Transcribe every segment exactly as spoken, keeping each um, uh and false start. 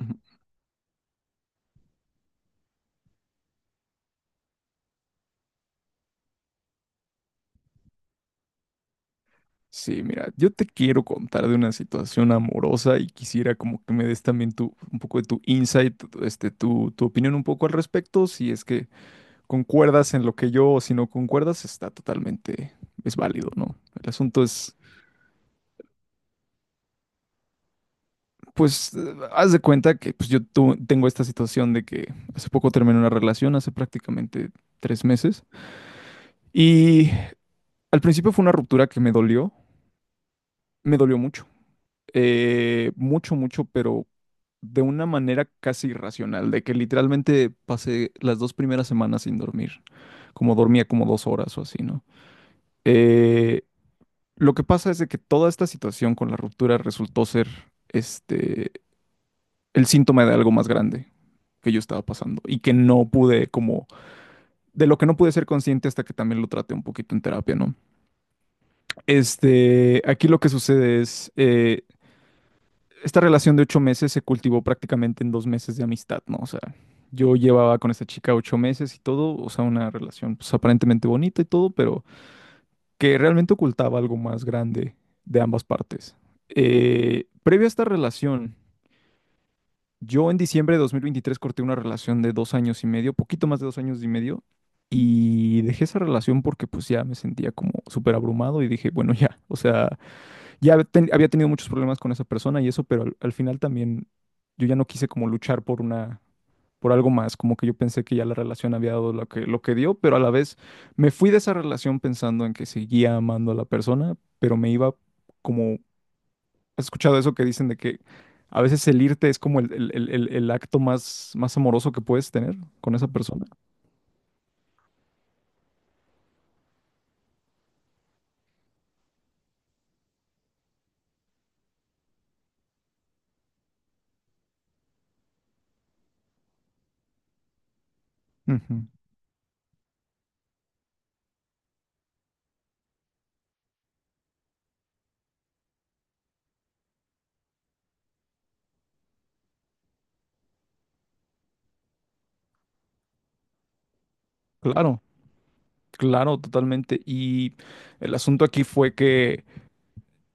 Ujú. Sí, mira, yo te quiero contar de una situación amorosa y quisiera como que me des también tu, un poco de tu insight, tu- este, tu, tu opinión un poco al respecto, si es que concuerdas en lo que yo o si no concuerdas, está totalmente, es válido, ¿no? El asunto es, pues, eh, haz de cuenta que pues, yo tu- tengo esta situación de que hace poco terminé una relación, hace prácticamente tres meses, y al principio fue una ruptura que me dolió, me dolió mucho. eh, mucho, mucho, pero de una manera casi irracional, de que literalmente pasé las dos primeras semanas sin dormir, como dormía como dos horas o así, ¿no? Eh, lo que pasa es de que toda esta situación con la ruptura resultó ser este, el síntoma de algo más grande que yo estaba pasando y que no pude como, de lo que no pude ser consciente hasta que también lo traté un poquito en terapia, ¿no? Este, aquí lo que sucede es, eh, esta relación de ocho meses se cultivó prácticamente en dos meses de amistad, ¿no? O sea, yo llevaba con esta chica ocho meses y todo, o sea, una relación pues aparentemente bonita y todo, pero que realmente ocultaba algo más grande de ambas partes. Eh, previo a esta relación, yo en diciembre de dos mil veintitrés corté una relación de dos años y medio, poquito más de dos años y medio, y dejé esa relación porque pues ya me sentía como súper abrumado y dije, bueno, ya, o sea, ya ten- había tenido muchos problemas con esa persona y eso, pero al, al final también yo ya no quise como luchar por una, por algo más, como que yo pensé que ya la relación había dado lo que, lo que dio, pero a la vez me fui de esa relación pensando en que seguía amando a la persona, pero me iba como, ¿has escuchado eso que dicen de que a veces el irte es como el, el- el- el- el acto más, más amoroso que puedes tener con esa persona? Ujú. Claro, claro, totalmente. Y el asunto aquí fue que...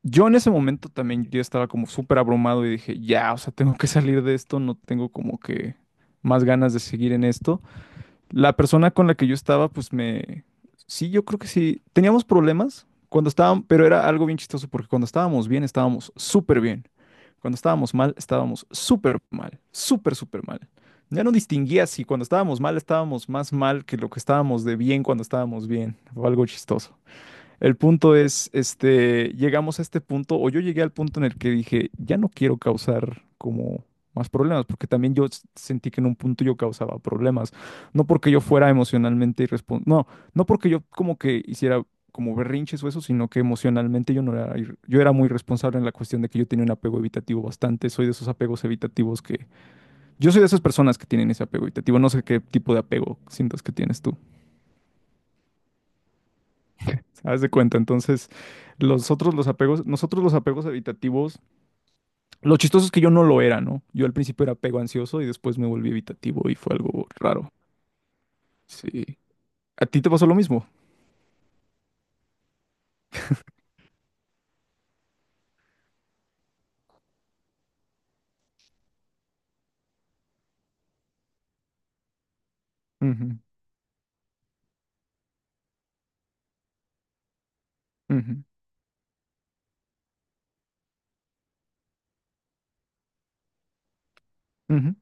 Yo en ese momento también yo estaba como súper abrumado y dije, ya, o sea, tengo que salir de esto, no tengo como que más ganas de seguir en esto. La persona con la que yo estaba, pues me... Sí, yo creo que sí. Teníamos problemas cuando estábamos, pero era algo bien chistoso porque cuando estábamos bien, estábamos súper bien. Cuando estábamos mal, estábamos súper mal, súper, súper mal. Ya no distinguía si cuando estábamos mal, estábamos más mal que lo que estábamos de bien cuando estábamos bien. Fue algo chistoso. El punto es, este, llegamos a este punto, o yo llegué al punto en el que dije, ya no quiero causar como más problemas, porque también yo s- sentí que en un punto yo causaba problemas, no porque yo fuera emocionalmente irresponsable, no, no porque yo como que hiciera como berrinches o eso, sino que emocionalmente yo no era, ir- yo era muy responsable en la cuestión de que yo tenía un apego evitativo bastante, soy de esos apegos evitativos que, yo soy de esas personas que tienen ese apego evitativo, no sé qué tipo de apego sientas que tienes tú. Haz de cuenta, entonces los otros, los apegos, nosotros los apegos evitativos, lo chistoso es que yo no lo era, ¿no? Yo al principio era apego ansioso y después me volví evitativo y fue algo raro. Sí. ¿A ti te pasó lo mismo? Ujú, ujú, ujú.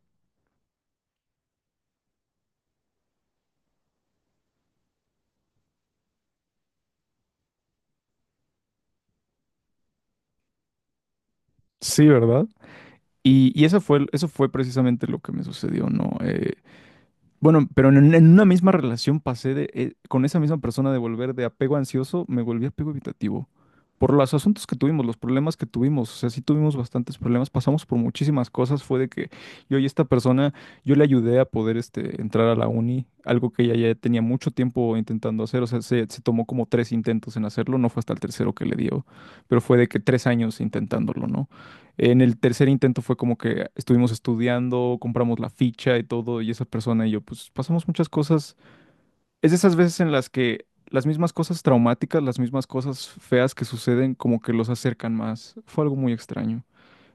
Sí, ¿verdad? Y, y eso fue, eso fue precisamente lo que me sucedió, ¿no? Eh, Bueno, pero en, en una misma relación pasé de, eh, con esa misma persona de volver de apego ansioso, me volví apego evitativo. Por los asuntos que tuvimos, los problemas que tuvimos, o sea, sí tuvimos bastantes problemas, pasamos por muchísimas cosas, fue de que yo y esta persona, yo le ayudé a poder este, entrar a la uni, algo que ella ya tenía mucho tiempo intentando hacer, o sea, se, se tomó como tres intentos en hacerlo, no fue hasta el tercero que le dio, pero fue de que tres años intentándolo, ¿no? En el tercer intento fue como que estuvimos estudiando, compramos la ficha y todo, y esa persona y yo, pues pasamos muchas cosas. Es de esas veces en las que las mismas cosas traumáticas, las mismas cosas feas que suceden, como que los acercan más. Fue algo muy extraño.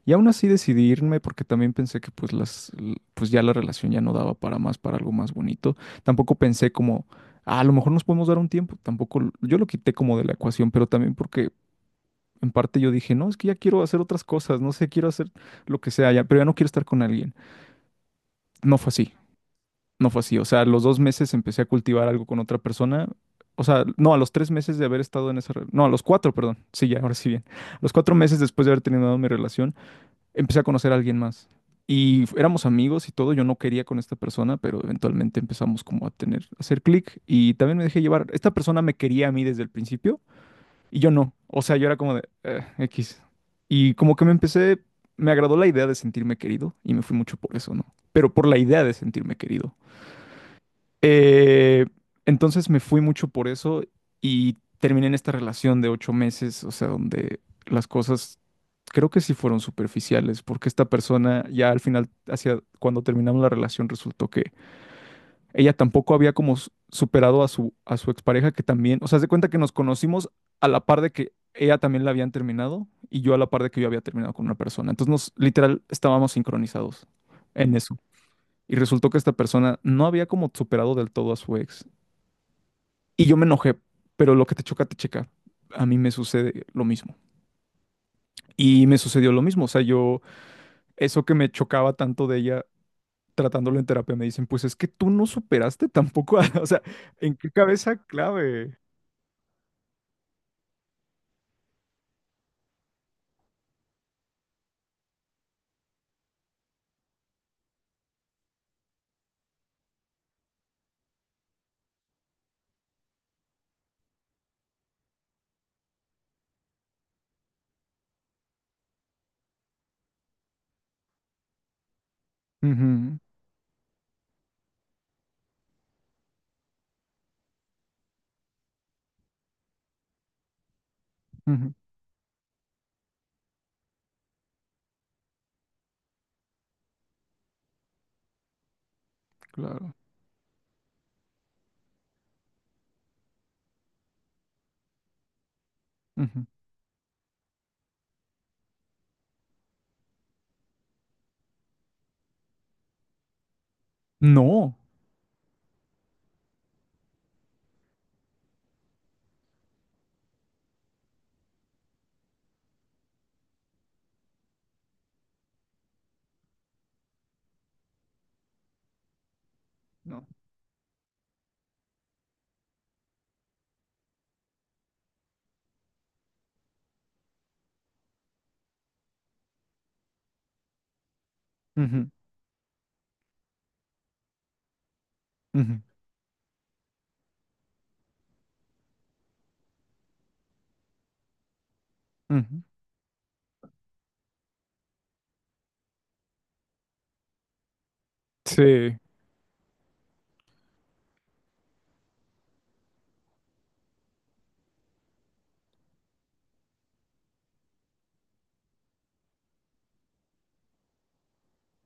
Y aún así decidí irme porque también pensé que pues las, l- pues ya la relación ya no daba para más, para algo más bonito. Tampoco pensé como, "Ah, a lo mejor nos podemos dar un tiempo. Tampoco, l- yo lo quité como de la ecuación, pero también porque en parte yo dije, no, es que ya quiero hacer otras cosas, no sé, quiero hacer lo que sea ya, pero ya no quiero estar con alguien. No fue así, no fue así. O sea, a los dos meses empecé a cultivar algo con otra persona. O sea, no, a los tres meses de haber estado en esa... re- No, a los cuatro, perdón. Sí, ya, ahora sí bien. A los cuatro meses después de haber terminado mi relación, empecé a conocer a alguien más. Y f- éramos amigos y todo, yo no quería con esta persona, pero eventualmente empezamos como a tener, a hacer clic y también me dejé llevar. Esta persona me quería a mí desde el principio, y yo no. O sea, yo era como de "Eh, X. Y como que me empecé, me agradó la idea de sentirme querido y me fui mucho por eso, ¿no? Pero por la idea de sentirme querido. Eh, entonces me fui mucho por eso y terminé en esta relación de ocho meses, o sea, donde las cosas creo que sí fueron superficiales, porque esta persona ya al final, hacia cuando terminamos la relación, resultó que ella tampoco había como s- superado a su, a su expareja que también, o sea, se cuenta que nos conocimos a la par de que ella también la habían terminado y yo a la par de que yo había terminado con una persona. Entonces nos literal estábamos sincronizados en eso. Y resultó que esta persona no había como superado del todo a su ex. Y yo me enojé, pero lo que te choca, te checa. A mí me sucede lo mismo. Y me sucedió lo mismo, o sea, yo, eso que me chocaba tanto de ella tratándolo en terapia, me dicen, pues es que tú no superaste tampoco, a- o sea, ¿en qué cabeza clave? Ujú, ujú, claro. ujú. No, no. ujú, ujú, ujú. Sí.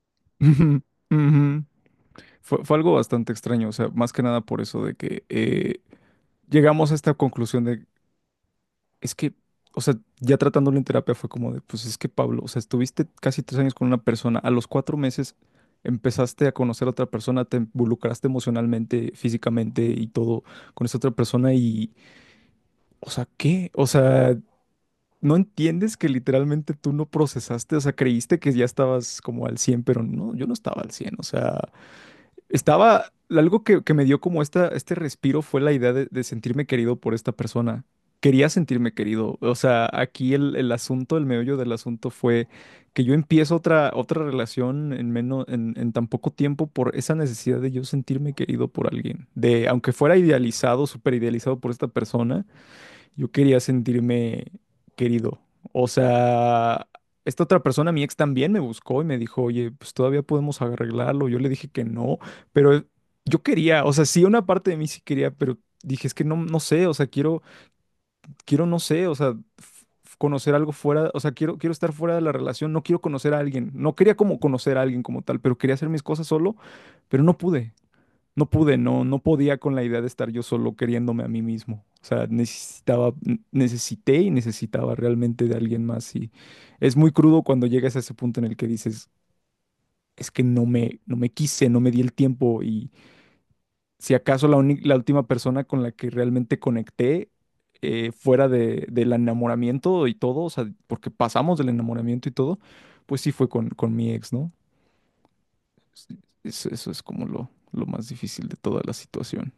ujú, ujú. Fue, fue algo bastante extraño, o sea, más que nada por eso de que eh, llegamos a esta conclusión de, es que, o sea, ya tratándolo en terapia fue como de, pues es que Pablo, o sea, estuviste casi tres años con una persona, a los cuatro meses empezaste a conocer a otra persona, te involucraste emocionalmente, físicamente y todo con esa otra persona y, o sea, ¿qué? O sea... No entiendes que literalmente tú no procesaste, o sea, creíste que ya estabas como al cien, pero no, yo no estaba al cien. o sea, estaba, algo que, que me dio como esta, este respiro fue la idea de, de sentirme querido por esta persona. Quería sentirme querido, o sea, aquí el, el asunto, el meollo del asunto fue que yo empiezo otra, otra relación en menos, en, en tan poco tiempo por esa necesidad de yo sentirme querido por alguien, de aunque fuera idealizado, súper idealizado por esta persona yo quería sentirme querido. O sea, esta otra persona, mi ex, también me buscó y me dijo, oye, pues todavía podemos arreglarlo. Yo le dije que no, pero yo quería, o sea, sí, una parte de mí sí quería, pero dije, es que no, no sé, o sea, quiero, quiero, no sé, o sea, f- conocer algo fuera, o sea, quiero, quiero estar fuera de la relación, no quiero conocer a alguien. No quería como conocer a alguien como tal, pero quería hacer mis cosas solo, pero no pude no pude, no, no podía con la idea de estar yo solo queriéndome a mí mismo. O sea, necesitaba, n- necesité y necesitaba realmente de alguien más. Y es muy crudo cuando llegas a ese punto en el que dices, es que no me, no me quise, no me di el tiempo. Y si acaso la, uni- la última persona con la que realmente conecté eh, fuera de, del enamoramiento y todo, o sea, porque pasamos del enamoramiento y todo, pues sí fue con, con mi ex, ¿no? Sí, Es- Eso, eso es como lo, lo más difícil de toda la situación.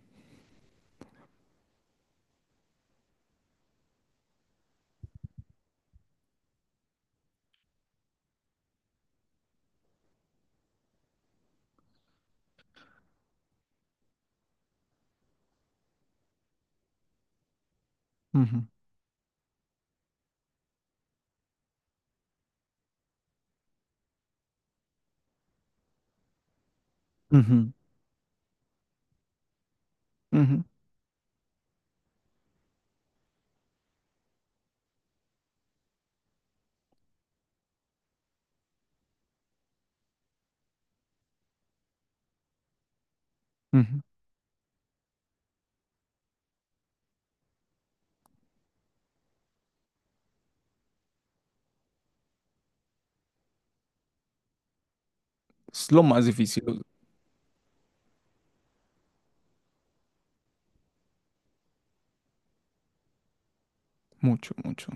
Ujú, ujú. Ujú, ujú. Es lo más difícil, mucho, mucho.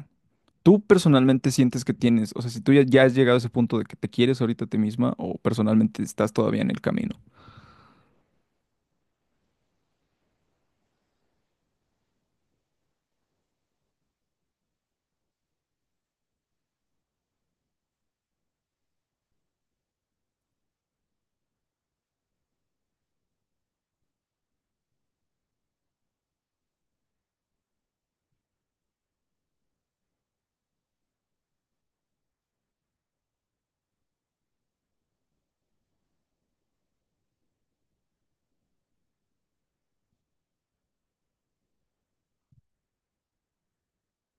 ¿Tú personalmente sientes que tienes, o sea, si tú ya, ya has llegado a ese punto de que te quieres ahorita a ti misma o personalmente estás todavía en el camino?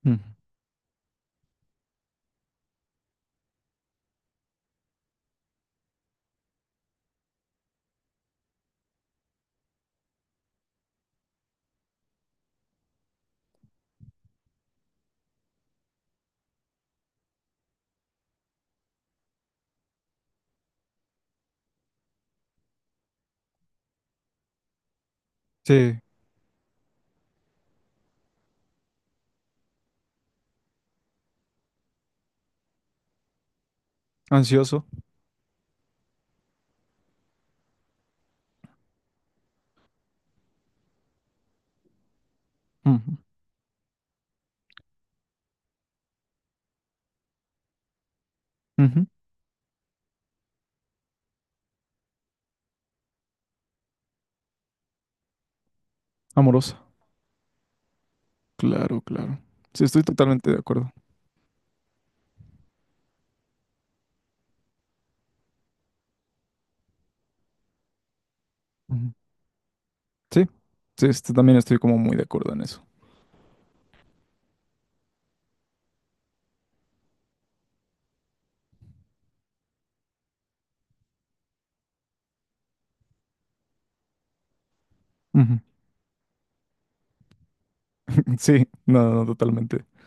Ujú. Sí, ansioso. Ujú, ujú. Amorosa. Claro, claro. Sí, estoy totalmente de acuerdo. Ujú. Sí, sí, este, también estoy como muy de acuerdo en eso. Ujú. Sí, no, no, totalmente.